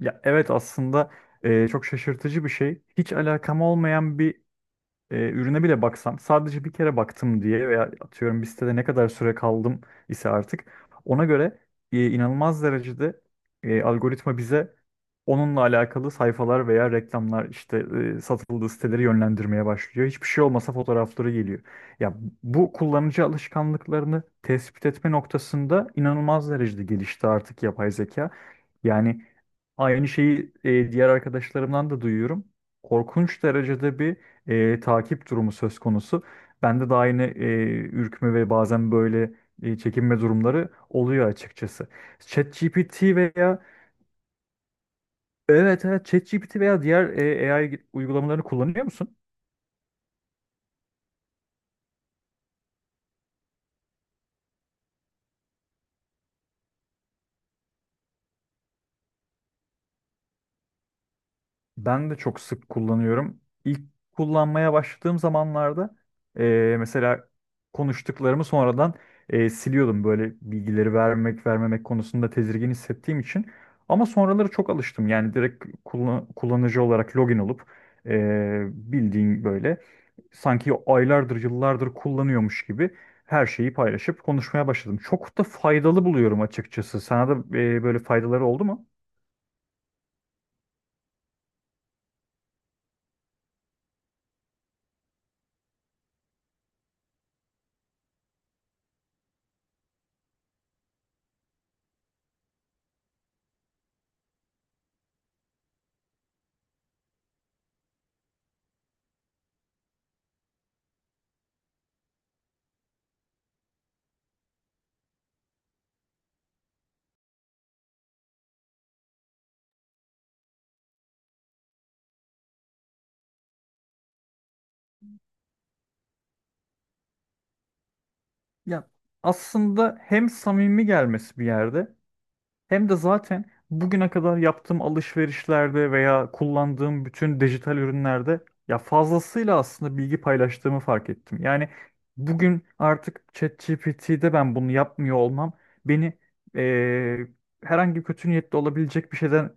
Ya evet aslında çok şaşırtıcı bir şey. Hiç alakam olmayan bir ürüne bile baksam sadece bir kere baktım diye veya atıyorum bir sitede ne kadar süre kaldım ise artık ona göre inanılmaz derecede algoritma bize onunla alakalı sayfalar veya reklamlar işte satıldığı siteleri yönlendirmeye başlıyor. Hiçbir şey olmasa fotoğrafları geliyor. Ya bu kullanıcı alışkanlıklarını tespit etme noktasında inanılmaz derecede gelişti artık yapay zeka. Yani aynı şeyi diğer arkadaşlarımdan da duyuyorum. Korkunç derecede bir takip durumu söz konusu. Bende de aynı ürkme ve bazen böyle çekinme durumları oluyor açıkçası. ChatGPT veya Evet, evet, ChatGPT veya diğer AI uygulamalarını kullanıyor musun? Ben de çok sık kullanıyorum. İlk kullanmaya başladığım zamanlarda mesela konuştuklarımı sonradan siliyordum. Böyle bilgileri vermek vermemek konusunda tedirgin hissettiğim için. Ama sonraları çok alıştım. Yani direkt kullanıcı olarak login olup bildiğin böyle sanki aylardır yıllardır kullanıyormuş gibi her şeyi paylaşıp konuşmaya başladım. Çok da faydalı buluyorum açıkçası. Sana da böyle faydaları oldu mu? Ya aslında hem samimi gelmesi bir yerde hem de zaten bugüne kadar yaptığım alışverişlerde veya kullandığım bütün dijital ürünlerde ya fazlasıyla aslında bilgi paylaştığımı fark ettim. Yani bugün artık ChatGPT'de ben bunu yapmıyor olmam beni eee, herhangi kötü niyetli olabilecek bir şeyden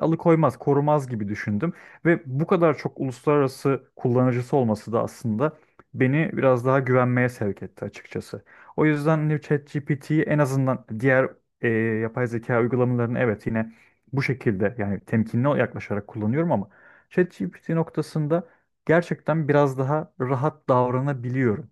alıkoymaz, korumaz gibi düşündüm. Ve bu kadar çok uluslararası kullanıcısı olması da aslında beni biraz daha güvenmeye sevk etti açıkçası. O yüzden hani ChatGPT'yi en azından diğer yapay zeka uygulamalarını, evet, yine bu şekilde yani temkinli yaklaşarak kullanıyorum ama ChatGPT noktasında gerçekten biraz daha rahat davranabiliyorum.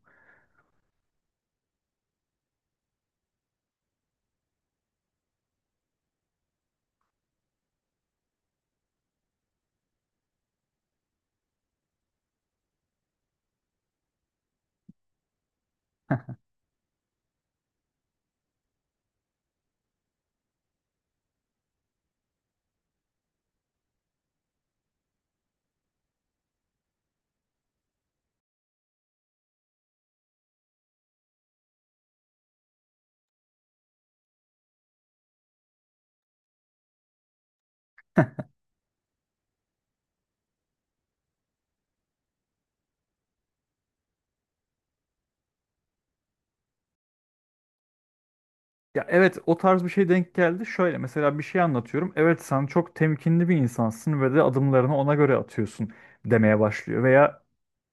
Ya evet o tarz bir şey denk geldi. Şöyle mesela bir şey anlatıyorum. Evet sen çok temkinli bir insansın ve de adımlarını ona göre atıyorsun demeye başlıyor. Veya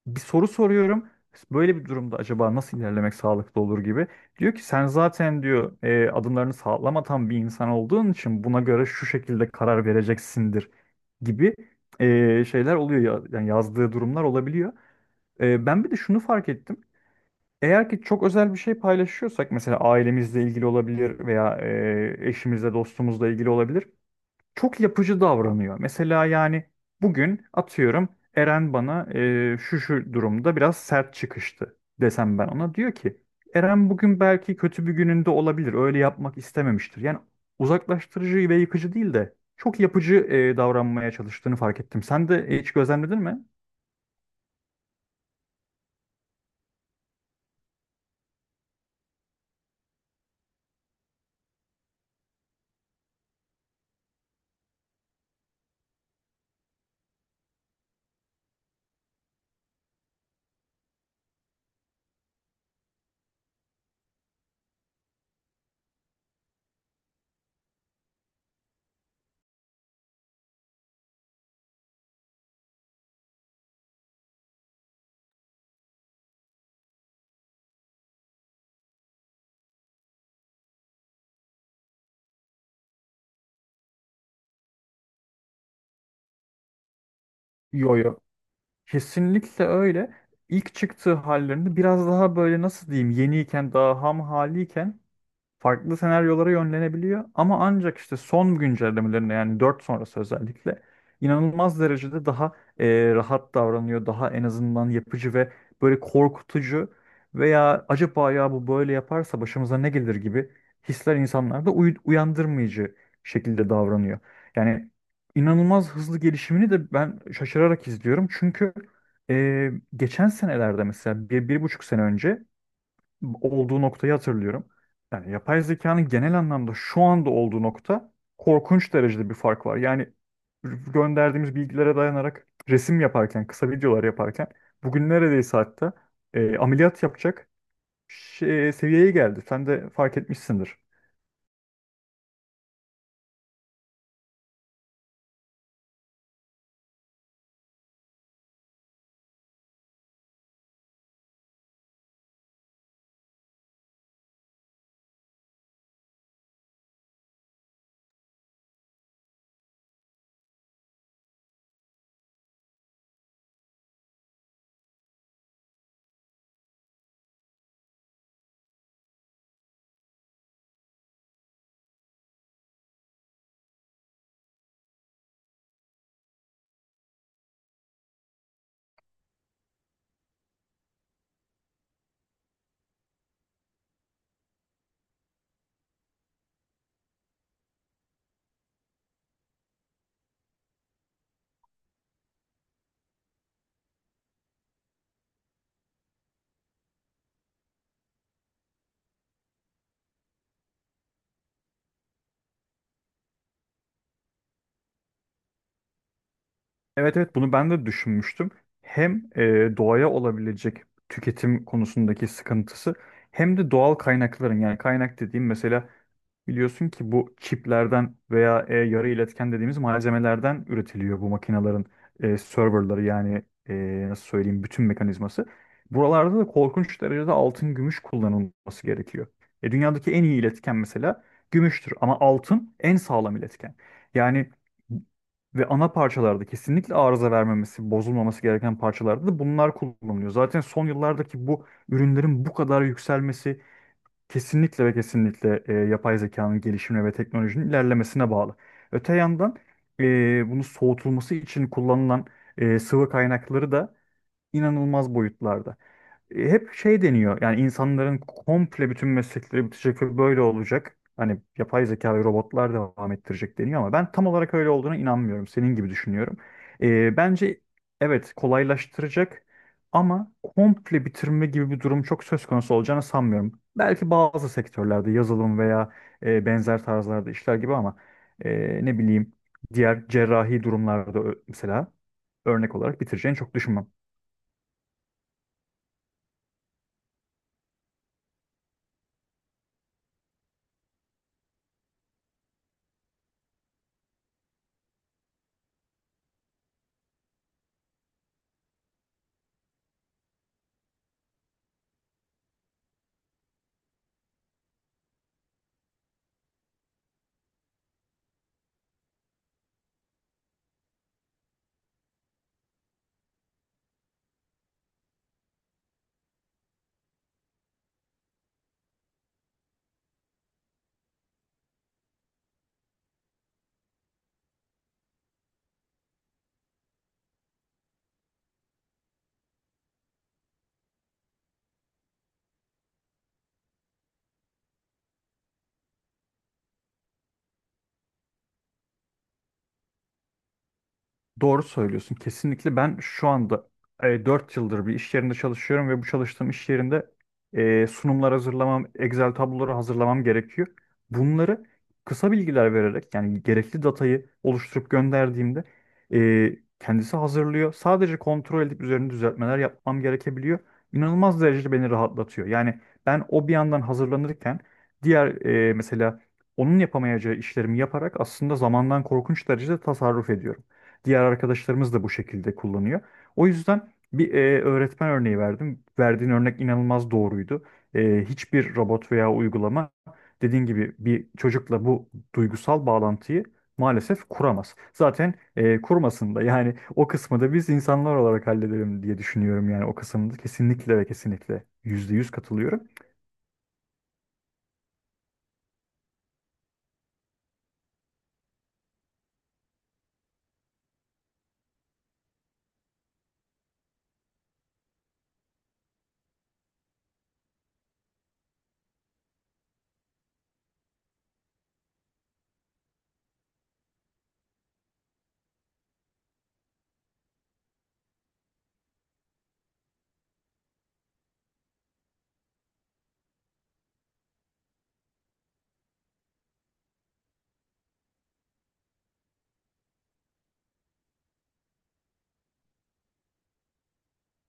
bir soru soruyorum. Böyle bir durumda acaba nasıl ilerlemek sağlıklı olur gibi. Diyor ki sen zaten diyor adımlarını sağlam atan bir insan olduğun için buna göre şu şekilde karar vereceksindir gibi şeyler oluyor. Yani yazdığı durumlar olabiliyor. Ben bir de şunu fark ettim. Eğer ki çok özel bir şey paylaşıyorsak mesela ailemizle ilgili olabilir veya eşimizle dostumuzla ilgili olabilir. Çok yapıcı davranıyor. Mesela yani bugün atıyorum Eren bana şu şu durumda biraz sert çıkıştı desem ben ona. Diyor ki Eren bugün belki kötü bir gününde olabilir öyle yapmak istememiştir. Yani uzaklaştırıcı ve yıkıcı değil de çok yapıcı davranmaya çalıştığını fark ettim. Sen de hiç gözlemledin mi? Yo, yo. Kesinlikle öyle. İlk çıktığı hallerinde biraz daha böyle nasıl diyeyim yeniyken daha ham haliyken farklı senaryolara yönlenebiliyor ama ancak işte son güncellemelerinde yani 4 sonrası özellikle inanılmaz derecede daha rahat davranıyor. Daha en azından yapıcı ve böyle korkutucu veya acaba ya bu böyle yaparsa başımıza ne gelir gibi hisler insanlarda uyandırmayıcı şekilde davranıyor. Yani inanılmaz hızlı gelişimini de ben şaşırarak izliyorum. Çünkü geçen senelerde mesela bir, bir buçuk sene önce olduğu noktayı hatırlıyorum. Yani yapay zekanın genel anlamda şu anda olduğu nokta korkunç derecede bir fark var. Yani gönderdiğimiz bilgilere dayanarak resim yaparken, kısa videolar yaparken bugün neredeyse hatta ameliyat yapacak şey, seviyeye geldi. Sen de fark etmişsindir. Evet, evet, bunu ben de düşünmüştüm. Hem doğaya olabilecek tüketim konusundaki sıkıntısı hem de doğal kaynakların yani kaynak dediğim mesela biliyorsun ki bu çiplerden veya yarı iletken dediğimiz malzemelerden üretiliyor bu makinelerin serverları yani nasıl söyleyeyim bütün mekanizması. Buralarda da korkunç derecede altın gümüş kullanılması gerekiyor. Dünyadaki en iyi iletken mesela gümüştür ama altın en sağlam iletken. Yani ve ana parçalarda kesinlikle arıza vermemesi, bozulmaması gereken parçalarda da bunlar kullanılıyor. Zaten son yıllardaki bu ürünlerin bu kadar yükselmesi kesinlikle ve kesinlikle yapay zekanın gelişimine ve teknolojinin ilerlemesine bağlı. Öte yandan bunu soğutulması için kullanılan sıvı kaynakları da inanılmaz boyutlarda hep şey deniyor. Yani insanların komple bütün meslekleri bitecek ve böyle olacak. Hani yapay zeka ve robotlar devam ettirecek deniyor ama ben tam olarak öyle olduğuna inanmıyorum. Senin gibi düşünüyorum. Bence evet kolaylaştıracak ama komple bitirme gibi bir durum çok söz konusu olacağını sanmıyorum. Belki bazı sektörlerde yazılım veya benzer tarzlarda işler gibi ama ne bileyim diğer cerrahi durumlarda mesela örnek olarak bitireceğini çok düşünmem. Doğru söylüyorsun. Kesinlikle ben şu anda 4 yıldır bir iş yerinde çalışıyorum ve bu çalıştığım iş yerinde sunumlar hazırlamam, Excel tabloları hazırlamam gerekiyor. Bunları kısa bilgiler vererek yani gerekli datayı oluşturup gönderdiğimde kendisi hazırlıyor. Sadece kontrol edip üzerine düzeltmeler yapmam gerekebiliyor. İnanılmaz derecede beni rahatlatıyor. Yani ben o bir yandan hazırlanırken diğer mesela onun yapamayacağı işlerimi yaparak aslında zamandan korkunç derecede tasarruf ediyorum. Diğer arkadaşlarımız da bu şekilde kullanıyor. O yüzden bir öğretmen örneği verdim. Verdiğin örnek inanılmaz doğruydu. Hiçbir robot veya uygulama dediğin gibi bir çocukla bu duygusal bağlantıyı maalesef kuramaz. Zaten kurmasın da yani o kısmı da biz insanlar olarak halledelim diye düşünüyorum yani o kısımda kesinlikle ve kesinlikle %100 katılıyorum.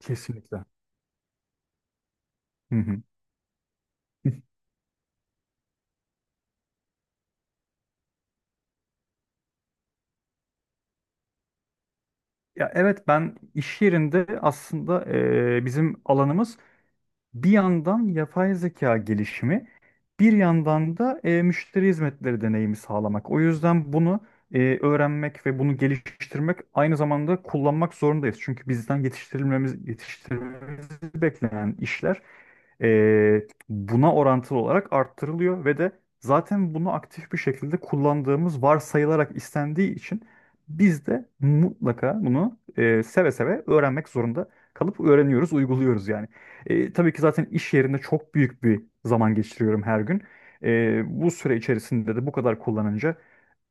Kesinlikle. Hı hı. Ya evet ben iş yerinde aslında bizim alanımız bir yandan yapay zeka gelişimi, bir yandan da müşteri hizmetleri deneyimi sağlamak. O yüzden bunu öğrenmek ve bunu geliştirmek aynı zamanda kullanmak zorundayız. Çünkü bizden yetiştirilmemiz beklenen işler buna orantılı olarak arttırılıyor ve de zaten bunu aktif bir şekilde kullandığımız varsayılarak istendiği için biz de mutlaka bunu seve seve öğrenmek zorunda kalıp öğreniyoruz, uyguluyoruz yani. Tabii ki zaten iş yerinde çok büyük bir zaman geçiriyorum her gün. Bu süre içerisinde de bu kadar kullanınca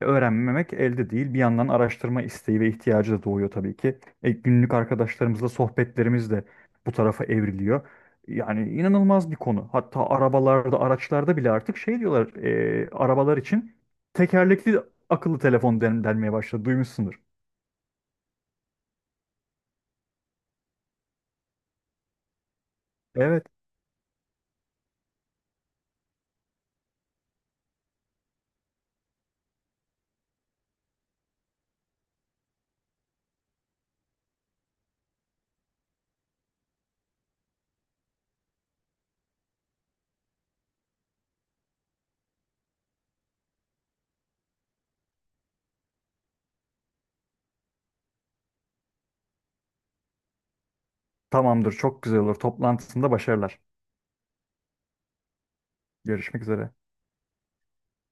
öğrenmemek elde değil. Bir yandan araştırma isteği ve ihtiyacı da doğuyor tabii ki. Günlük arkadaşlarımızla sohbetlerimiz de bu tarafa evriliyor. Yani inanılmaz bir konu. Hatta arabalarda, araçlarda bile artık şey diyorlar, arabalar için tekerlekli akıllı telefon denmeye başladı. Duymuşsundur. Evet. Tamamdır, çok güzel olur. Toplantısında başarılar. Görüşmek üzere.